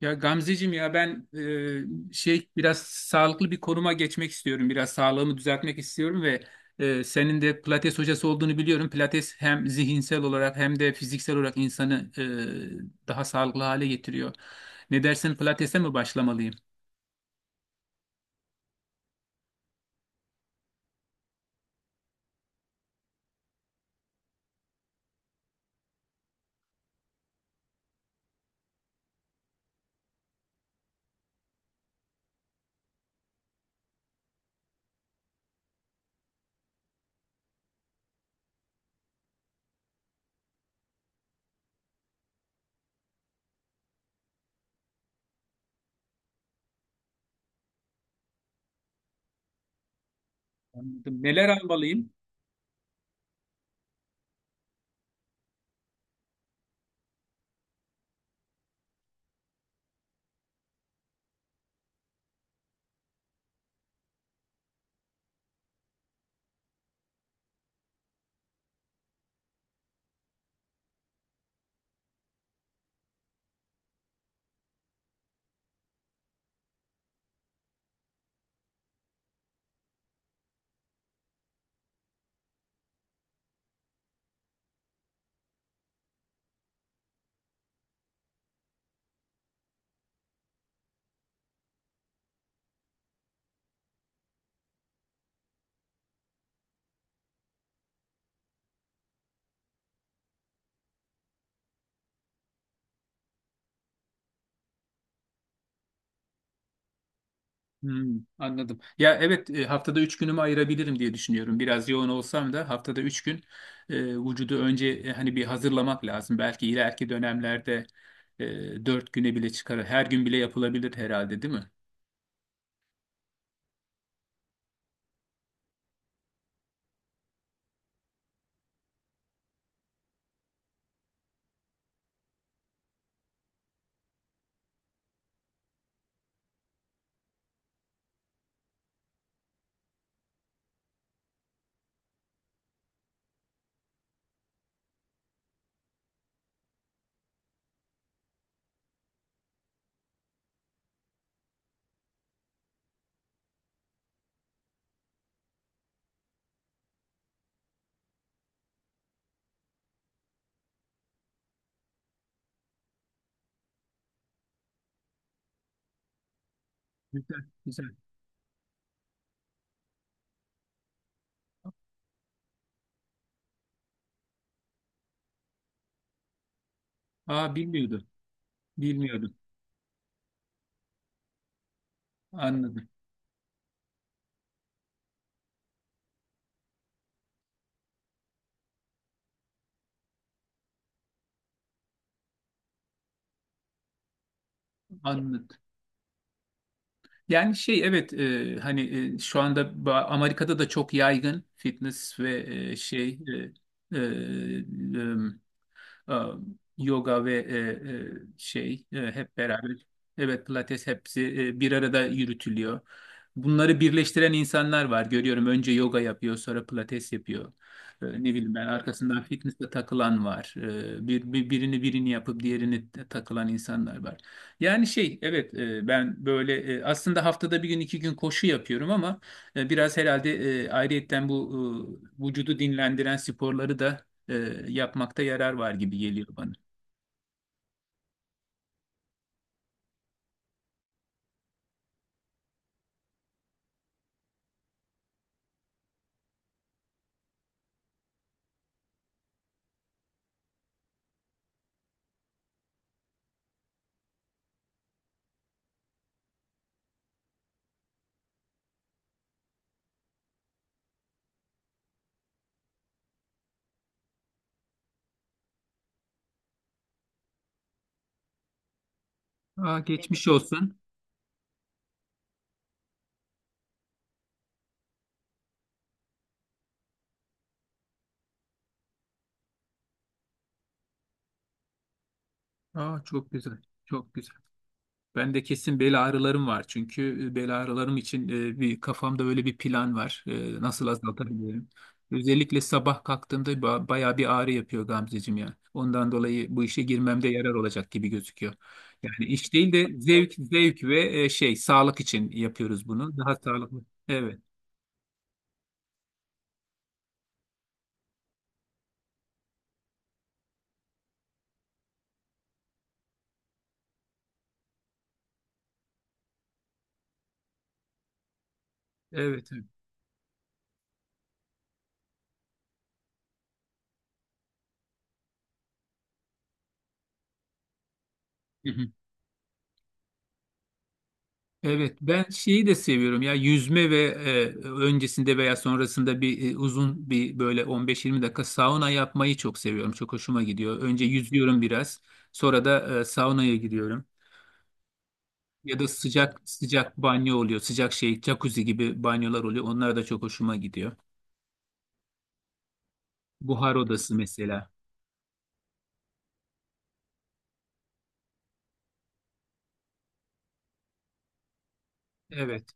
Ya Gamzeciğim ya ben şey biraz sağlıklı bir konuma geçmek istiyorum. Biraz sağlığımı düzeltmek istiyorum ve senin de Pilates hocası olduğunu biliyorum. Pilates hem zihinsel olarak hem de fiziksel olarak insanı daha sağlıklı hale getiriyor. Ne dersin, Pilates'e mi başlamalıyım? Anladım. Neler almalıyım? Hmm, anladım. Ya evet, haftada 3 günümü ayırabilirim diye düşünüyorum. Biraz yoğun olsam da haftada 3 gün vücudu önce hani bir hazırlamak lazım. Belki ileriki dönemlerde 4 güne bile çıkar. Her gün bile yapılabilir herhalde, değil mi? Güzel, güzel. Aa, bilmiyordum. Bilmiyordum. Anladım. Anladım. Yani şey evet, hani şu anda Amerika'da da çok yaygın fitness ve e, şey e, e, e, e, yoga ve hep beraber. Evet, pilates hepsi bir arada yürütülüyor. Bunları birleştiren insanlar var. Görüyorum, önce yoga yapıyor, sonra pilates yapıyor. Ne bileyim, ben arkasından fitness'e takılan var. Birini yapıp diğerini de takılan insanlar var. Yani şey evet, ben böyle aslında haftada 1 gün 2 gün koşu yapıyorum ama biraz herhalde ayrıyetten bu vücudu dinlendiren sporları da e, yapmakta yarar var gibi geliyor bana. Aa, geçmiş olsun. Aa, çok güzel. Çok güzel. Ben de kesin bel ağrılarım var. Çünkü bel ağrılarım için bir kafamda öyle bir plan var. Nasıl azaltabilirim? Özellikle sabah kalktığımda bayağı bir ağrı yapıyor Gamzeciğim ya. Ondan dolayı bu işe girmemde yarar olacak gibi gözüküyor. Yani iş değil de zevk, zevk ve şey sağlık için yapıyoruz bunu. Daha sağlıklı. Evet, evet. Evet. Evet, ben şeyi de seviyorum ya, yüzme ve öncesinde veya sonrasında bir uzun bir böyle 15-20 dakika sauna yapmayı çok seviyorum. Çok hoşuma gidiyor. Önce yüzüyorum biraz, sonra da saunaya gidiyorum. Ya da sıcak sıcak banyo oluyor. Sıcak şey jacuzzi gibi banyolar oluyor. Onlar da çok hoşuma gidiyor. Buhar odası mesela. Evet,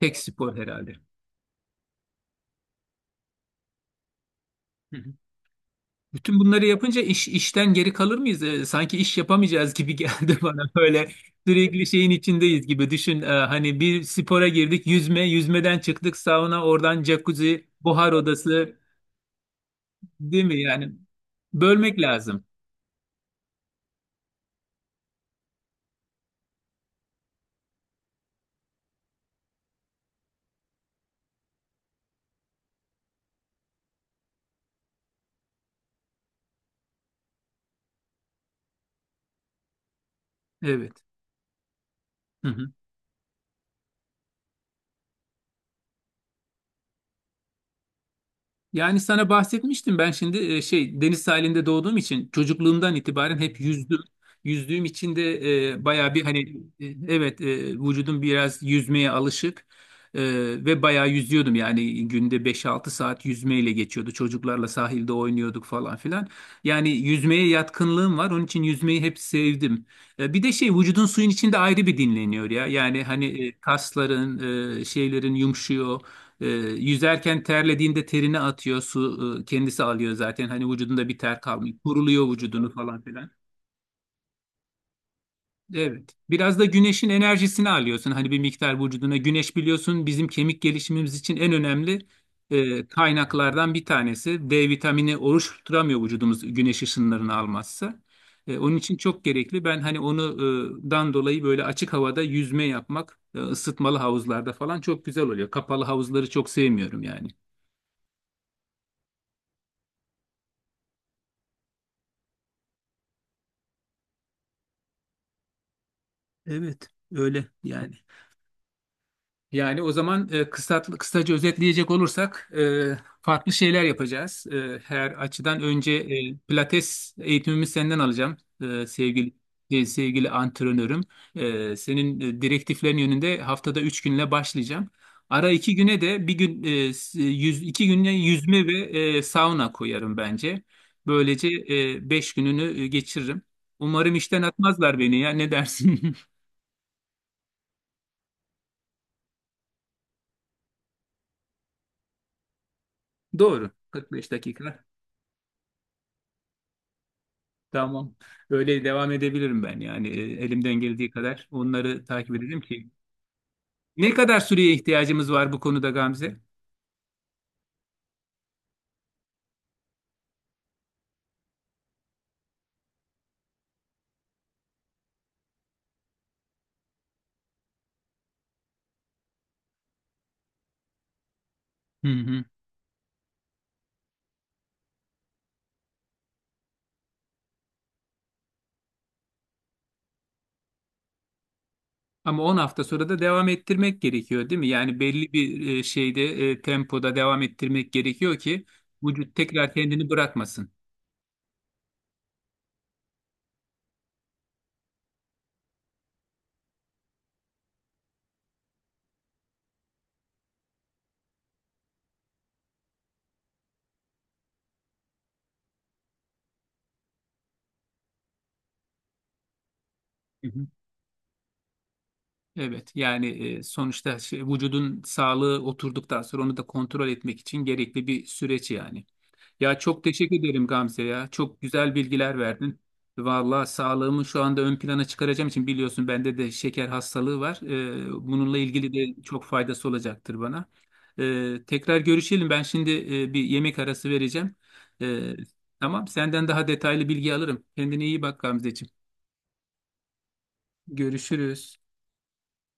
tek spor herhalde. Bütün bunları yapınca iş işten geri kalır mıyız? Sanki iş yapamayacağız gibi geldi bana. Böyle sürekli şeyin içindeyiz gibi. Düşün, hani bir spora girdik, yüzme, yüzmeden çıktık sauna, oradan jacuzzi, buhar odası, değil mi? Yani bölmek lazım. Evet. Hı hı. Yani sana bahsetmiştim, ben şimdi şey deniz sahilinde doğduğum için çocukluğumdan itibaren hep yüzdüm. Yüzdüğüm için de bayağı bir hani evet, vücudum biraz yüzmeye alışık. E, Ve bayağı yüzüyordum, yani günde 5 6 saat yüzmeyle geçiyordu. Çocuklarla sahilde oynuyorduk falan filan. Yani yüzmeye yatkınlığım var, onun için yüzmeyi hep sevdim. Bir de şey, vücudun suyun içinde ayrı bir dinleniyor ya. Yani hani kasların şeylerin yumuşuyor. E, Yüzerken terlediğinde terini atıyor. Su kendisi alıyor zaten. Hani vücudunda bir ter kalmıyor. Kuruluyor vücudunu falan filan. Evet. Biraz da güneşin enerjisini alıyorsun. Hani bir miktar vücuduna. Güneş biliyorsun, bizim kemik gelişimimiz için en önemli kaynaklardan bir tanesi. D vitamini oluşturamıyor vücudumuz güneş ışınlarını almazsa. Onun için çok gerekli. Ben hani onu dan dolayı böyle açık havada yüzme yapmak, ısıtmalı havuzlarda falan çok güzel oluyor. Kapalı havuzları çok sevmiyorum yani. Evet, öyle yani. Yani o zaman, kısaca özetleyecek olursak farklı şeyler yapacağız. Her açıdan önce pilates eğitimimi senden alacağım e, sevgili sevgili antrenörüm. Senin direktiflerin yönünde haftada 3 günle başlayacağım. Ara 2 güne de 1 gün 2 güne yüzme ve sauna koyarım bence. Böylece 5 gününü geçiririm. Umarım işten atmazlar beni ya, ne dersin? Doğru. 45 dakika. Tamam. Öyle devam edebilirim ben yani, elimden geldiği kadar onları takip edelim ki. Ne kadar süreye ihtiyacımız var bu konuda Gamze? Hı hı. Ama 10 hafta sonra da devam ettirmek gerekiyor değil mi? Yani belli bir şeyde tempoda devam ettirmek gerekiyor ki vücut tekrar kendini bırakmasın. Hı hı. Evet yani, sonuçta şey, vücudun sağlığı oturduktan sonra onu da kontrol etmek için gerekli bir süreç yani. Ya çok teşekkür ederim Gamze ya. Çok güzel bilgiler verdin. Vallahi sağlığımı şu anda ön plana çıkaracağım için, biliyorsun bende de şeker hastalığı var. Bununla ilgili de çok faydası olacaktır bana. Tekrar görüşelim. Ben şimdi bir yemek arası vereceğim. E, tamam, senden daha detaylı bilgi alırım. Kendine iyi bak Gamzeciğim. Görüşürüz.